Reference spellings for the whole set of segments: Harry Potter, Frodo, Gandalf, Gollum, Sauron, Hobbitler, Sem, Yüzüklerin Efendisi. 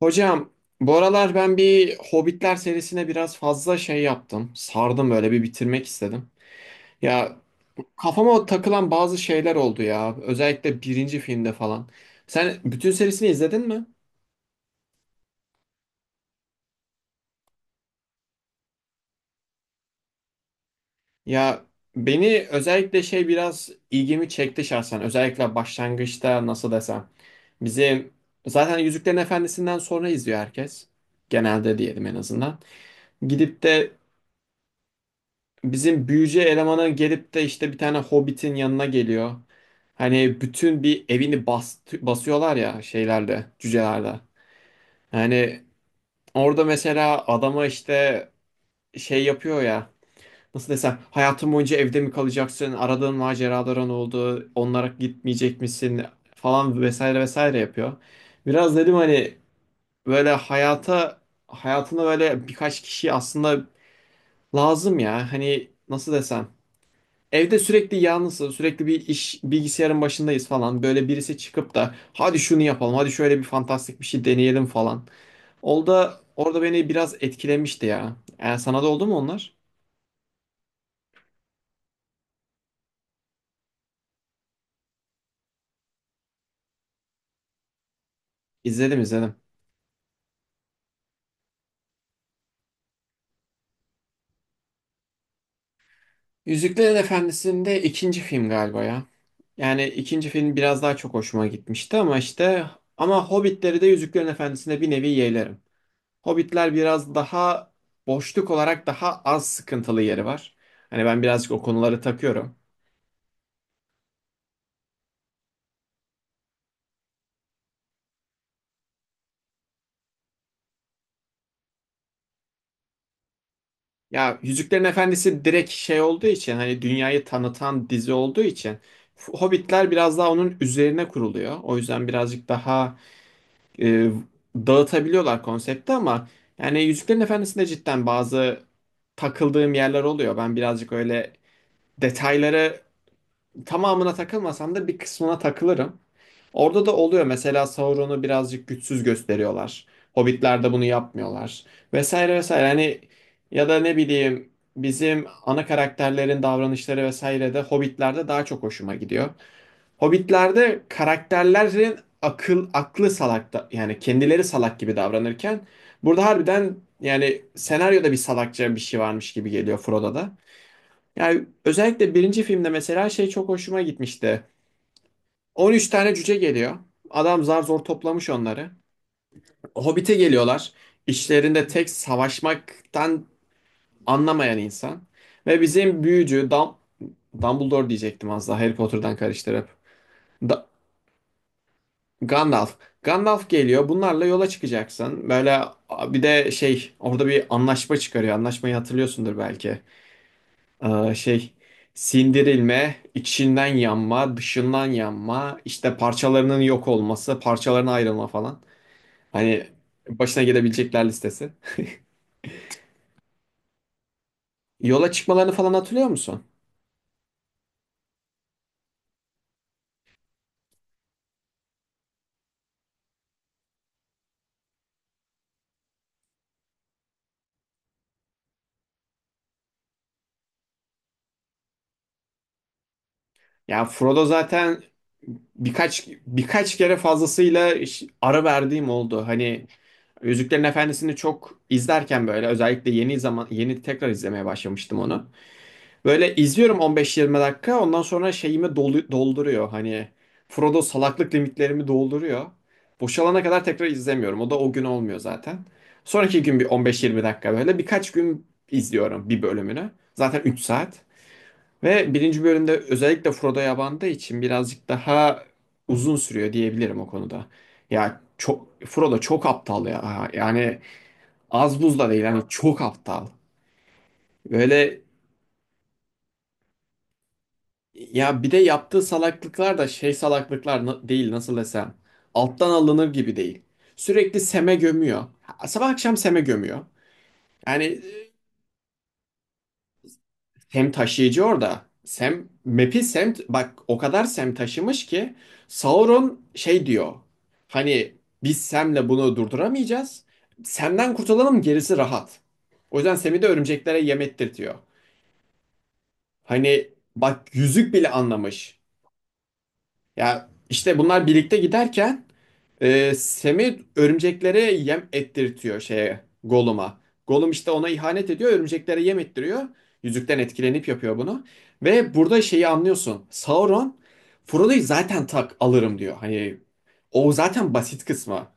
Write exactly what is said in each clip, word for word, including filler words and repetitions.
Hocam, bu aralar ben bir Hobbitler serisine biraz fazla şey yaptım. Sardım, böyle bir bitirmek istedim. Ya, kafama takılan bazı şeyler oldu ya. Özellikle birinci filmde falan. Sen bütün serisini izledin mi? Ya, beni özellikle şey, biraz ilgimi çekti şahsen. Özellikle başlangıçta nasıl desem. Bizim zaten Yüzüklerin Efendisi'nden sonra izliyor herkes. Genelde diyelim, en azından. Gidip de bizim büyücü elemanı gelip de işte bir tane hobbitin yanına geliyor. Hani bütün bir evini bas, basıyorlar ya şeylerde, cücelerde. Yani orada mesela adama işte şey yapıyor ya. Nasıl desem, hayatın boyunca evde mi kalacaksın? Aradığın maceraların oldu. Onlara gitmeyecek misin? Falan vesaire vesaire yapıyor. Biraz dedim, hani böyle hayata hayatına böyle birkaç kişi aslında lazım ya. Hani nasıl desem, evde sürekli yalnızız, sürekli bir iş bilgisayarın başındayız falan. Böyle birisi çıkıp da hadi şunu yapalım, hadi şöyle bir fantastik bir şey deneyelim falan. Orada orada beni biraz etkilemişti ya. Yani sana da oldu mu onlar? İzledim, izledim. Yüzüklerin Efendisi'nde ikinci film galiba ya. Yani ikinci film biraz daha çok hoşuma gitmişti ama işte, ama Hobbitleri de Yüzüklerin Efendisi'nde bir nevi yeğlerim. Hobbitler biraz daha boşluk olarak daha az sıkıntılı yeri var. Hani ben birazcık o konuları takıyorum. Ya, Yüzüklerin Efendisi direkt şey olduğu için, hani dünyayı tanıtan dizi olduğu için Hobbitler biraz daha onun üzerine kuruluyor. O yüzden birazcık daha e, dağıtabiliyorlar konsepti ama yani Yüzüklerin Efendisi'nde cidden bazı takıldığım yerler oluyor. Ben birazcık öyle detayları, tamamına takılmasam da bir kısmına takılırım. Orada da oluyor. Mesela Sauron'u birazcık güçsüz gösteriyorlar. Hobbitler'de bunu yapmıyorlar. Vesaire vesaire. Hani ya da ne bileyim, bizim ana karakterlerin davranışları vesaire de Hobbitler'de daha çok hoşuma gidiyor. Hobbitler'de karakterlerin akıl aklı salak da, yani kendileri salak gibi davranırken, burada harbiden yani senaryoda bir salakça bir şey varmış gibi geliyor Frodo'da. Yani özellikle birinci filmde mesela şey çok hoşuma gitmişti. on üç tane cüce geliyor. Adam zar zor toplamış onları. Hobbit'e geliyorlar. İşlerinde tek savaşmaktan anlamayan insan. Ve bizim büyücü Dam Dumbledore diyecektim az daha, Harry Potter'dan karıştırıp. Da- Gandalf. Gandalf geliyor. Bunlarla yola çıkacaksın. Böyle bir de şey orada bir anlaşma çıkarıyor. Anlaşmayı hatırlıyorsundur belki. Ee, şey sindirilme, içinden yanma, dışından yanma, işte parçalarının yok olması, parçalarına ayrılma falan. Hani başına gelebilecekler listesi. Yola çıkmalarını falan hatırlıyor musun? Ya, Frodo zaten birkaç birkaç kere fazlasıyla iş- ara verdiğim oldu. Hani Yüzüklerin Efendisi'ni çok izlerken, böyle özellikle yeni zaman yeni tekrar izlemeye başlamıştım onu. Böyle izliyorum on beş yirmi dakika. Ondan sonra şeyimi dolu- dolduruyor. Hani Frodo salaklık limitlerimi dolduruyor. Boşalana kadar tekrar izlemiyorum. O da o gün olmuyor zaten. Sonraki gün bir on beş yirmi dakika böyle. Birkaç gün izliyorum bir bölümünü. Zaten üç saat. Ve birinci bölümde özellikle Frodo'ya bandığı için birazcık daha uzun sürüyor diyebilirim o konuda. Ya çok, Frodo çok aptal ya. Yani az buz da değil. Hani çok aptal. Böyle, ya bir de yaptığı salaklıklar da şey salaklıklar, na- değil, nasıl desem. Alttan alınır gibi değil. Sürekli Sem'e gömüyor. Ha- Sabah akşam Sem'e gömüyor. Yani e, Sem taşıyıcı orada. Sem, map'i Sem, bak o kadar Sem taşımış ki Sauron şey diyor. Hani biz Sem'le bunu durduramayacağız. Sem'den kurtulalım, gerisi rahat. O yüzden Sem'i de örümceklere yem ettirtiyor. Hani bak, yüzük bile anlamış. Ya işte bunlar birlikte giderken Ee, Semih örümceklere yem ettirtiyor, şeye Gollum'a. Gollum işte ona ihanet ediyor, örümceklere yem ettiriyor. Yüzükten etkilenip yapıyor bunu. Ve burada şeyi anlıyorsun. Sauron Frodo'yu zaten tak alırım diyor. Hani o zaten basit kısmı.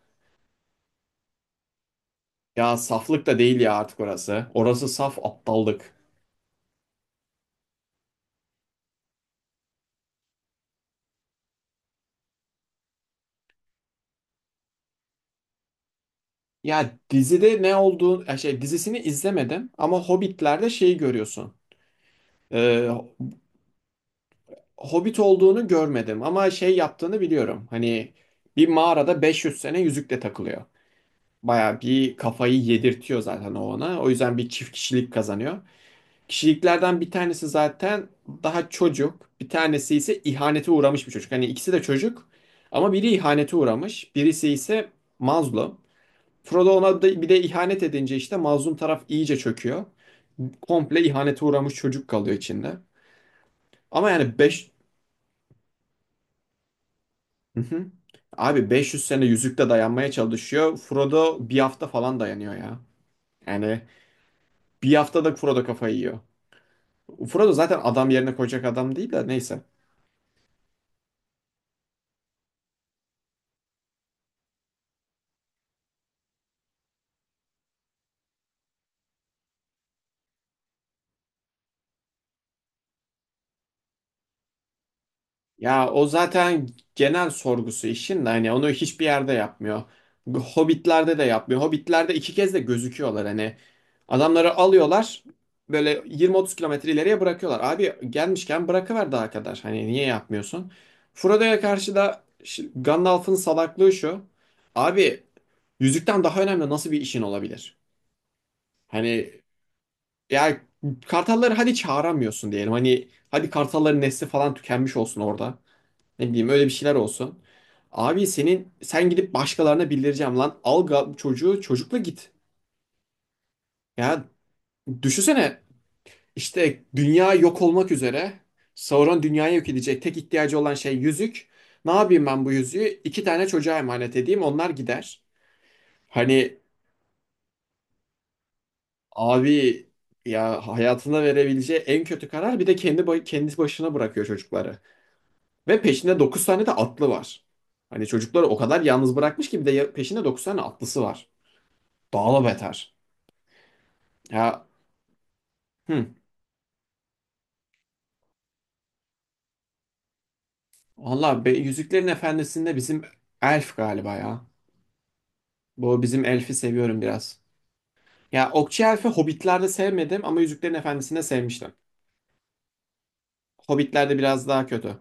Ya saflık da değil ya artık orası. Orası saf aptallık. Ya dizide ne olduğunu, ya şey dizisini izlemedim ama Hobbit'lerde şeyi görüyorsun. Ee, Hobbit olduğunu görmedim ama şey yaptığını biliyorum. Hani bir mağarada beş yüz sene yüzükle takılıyor. Baya bir kafayı yedirtiyor zaten o ona. O yüzden bir çift kişilik kazanıyor. Kişiliklerden bir tanesi zaten daha çocuk. Bir tanesi ise ihanete uğramış bir çocuk. Hani ikisi de çocuk ama biri ihanete uğramış. Birisi ise mazlum. Frodo ona da bir de ihanet edince, işte mazlum taraf iyice çöküyor. Komple ihanete uğramış çocuk kalıyor içinde. Ama yani beş. Hı hı. Abi beş yüz sene yüzükte dayanmaya çalışıyor. Frodo bir hafta falan dayanıyor ya. Yani bir haftada Frodo kafayı yiyor. Frodo zaten adam yerine koyacak adam değil de, neyse. Ya o zaten genel sorgusu işin de, hani onu hiçbir yerde yapmıyor. Hobbitlerde de yapmıyor. Hobbitlerde iki kez de gözüküyorlar hani. Adamları alıyorlar, böyle yirmi otuz kilometre ileriye bırakıyorlar. Abi gelmişken bırakıver daha kadar. Hani niye yapmıyorsun? Frodo'ya karşı da şi- Gandalf'ın salaklığı şu. Abi, yüzükten daha önemli nasıl bir işin olabilir? Hani ya, kartalları hadi çağıramıyorsun diyelim. Hani hadi kartalların nesli falan tükenmiş olsun orada. Ne bileyim, öyle bir şeyler olsun. Abi senin, sen gidip başkalarına bildireceğim lan. Al ga- bu çocuğu çocukla git. Ya düşünsene, işte dünya yok olmak üzere. Sauron dünyayı yok edecek. Tek ihtiyacı olan şey yüzük. Ne yapayım ben bu yüzüğü? İki tane çocuğa emanet edeyim, onlar gider. Hani abi, ya hayatına verebileceği en kötü karar, bir de kendi ba- kendisi başına bırakıyor çocukları. Ve peşinde dokuz tane de atlı var. Hani çocukları o kadar yalnız bırakmış ki bir de ya- peşinde dokuz tane atlısı var. Daha beter. Ya, hı. Valla be, Yüzüklerin Efendisi'nde bizim elf galiba ya. Bu bizim elfi seviyorum biraz. Ya Okçu Elf'i Hobbit'lerde sevmedim ama Yüzüklerin Efendisi'nde sevmiştim. Hobbit'lerde biraz daha kötü.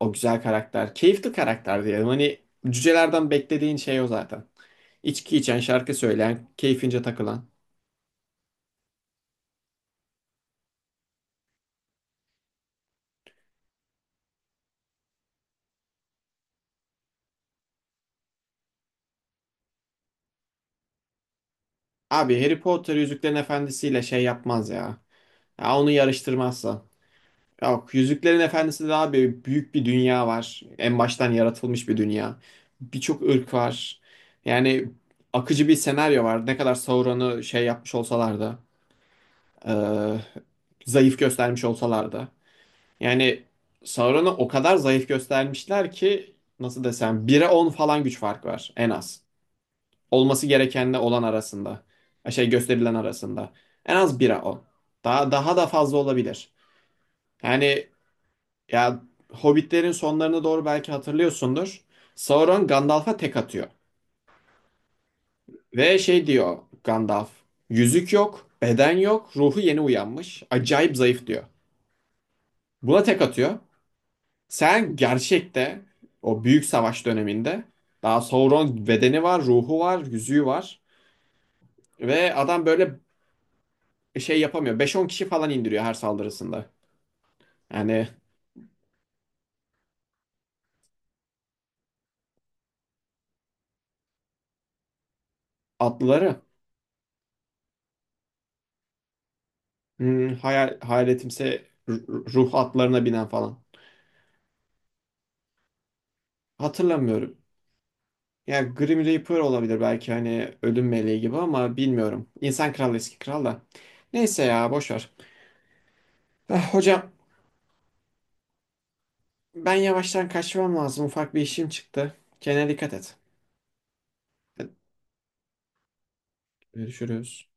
O güzel karakter. Keyifli karakter diyelim. Hani cücelerden beklediğin şey o zaten. İçki içen, şarkı söyleyen, keyfince takılan. Abi, Harry Potter Yüzüklerin Efendisi'yle şey yapmaz ya. Ya onu yarıştırmazsa. Ya bak, Yüzüklerin Efendisi'nde daha bir büyük bir dünya var. En baştan yaratılmış bir dünya. Birçok ırk var. Yani akıcı bir senaryo var. Ne kadar Sauron'u şey yapmış olsalar da, e, zayıf göstermiş olsalar da. Yani Sauron'u o kadar zayıf göstermişler ki nasıl desem bire on falan güç fark var en az. Olması gerekenle olan arasında. Şey, gösterilen arasında. En az bire on. Daha daha da fazla olabilir. Yani ya, Hobbitlerin sonlarına doğru belki hatırlıyorsundur. Sauron Gandalf'a tek atıyor. Ve şey diyor Gandalf. Yüzük yok, beden yok, ruhu yeni uyanmış. Acayip zayıf diyor. Buna tek atıyor. Sen gerçekte o büyük savaş döneminde, daha Sauron bedeni var, ruhu var, yüzüğü var. Ve adam böyle şey yapamıyor. Beş on kişi falan indiriyor her saldırısında. Yani atlıları, hmm, hayal, hayaletimse, ru- ruh atlarına binen falan. Hatırlamıyorum. Yani Grim Reaper olabilir belki, hani ölüm meleği gibi ama bilmiyorum. İnsan kralı eski kral da. Neyse ya, boş ver. Ah, hocam, ben yavaştan kaçmam lazım. Ufak bir işim çıktı. Kendine dikkat et. Hadi, görüşürüz.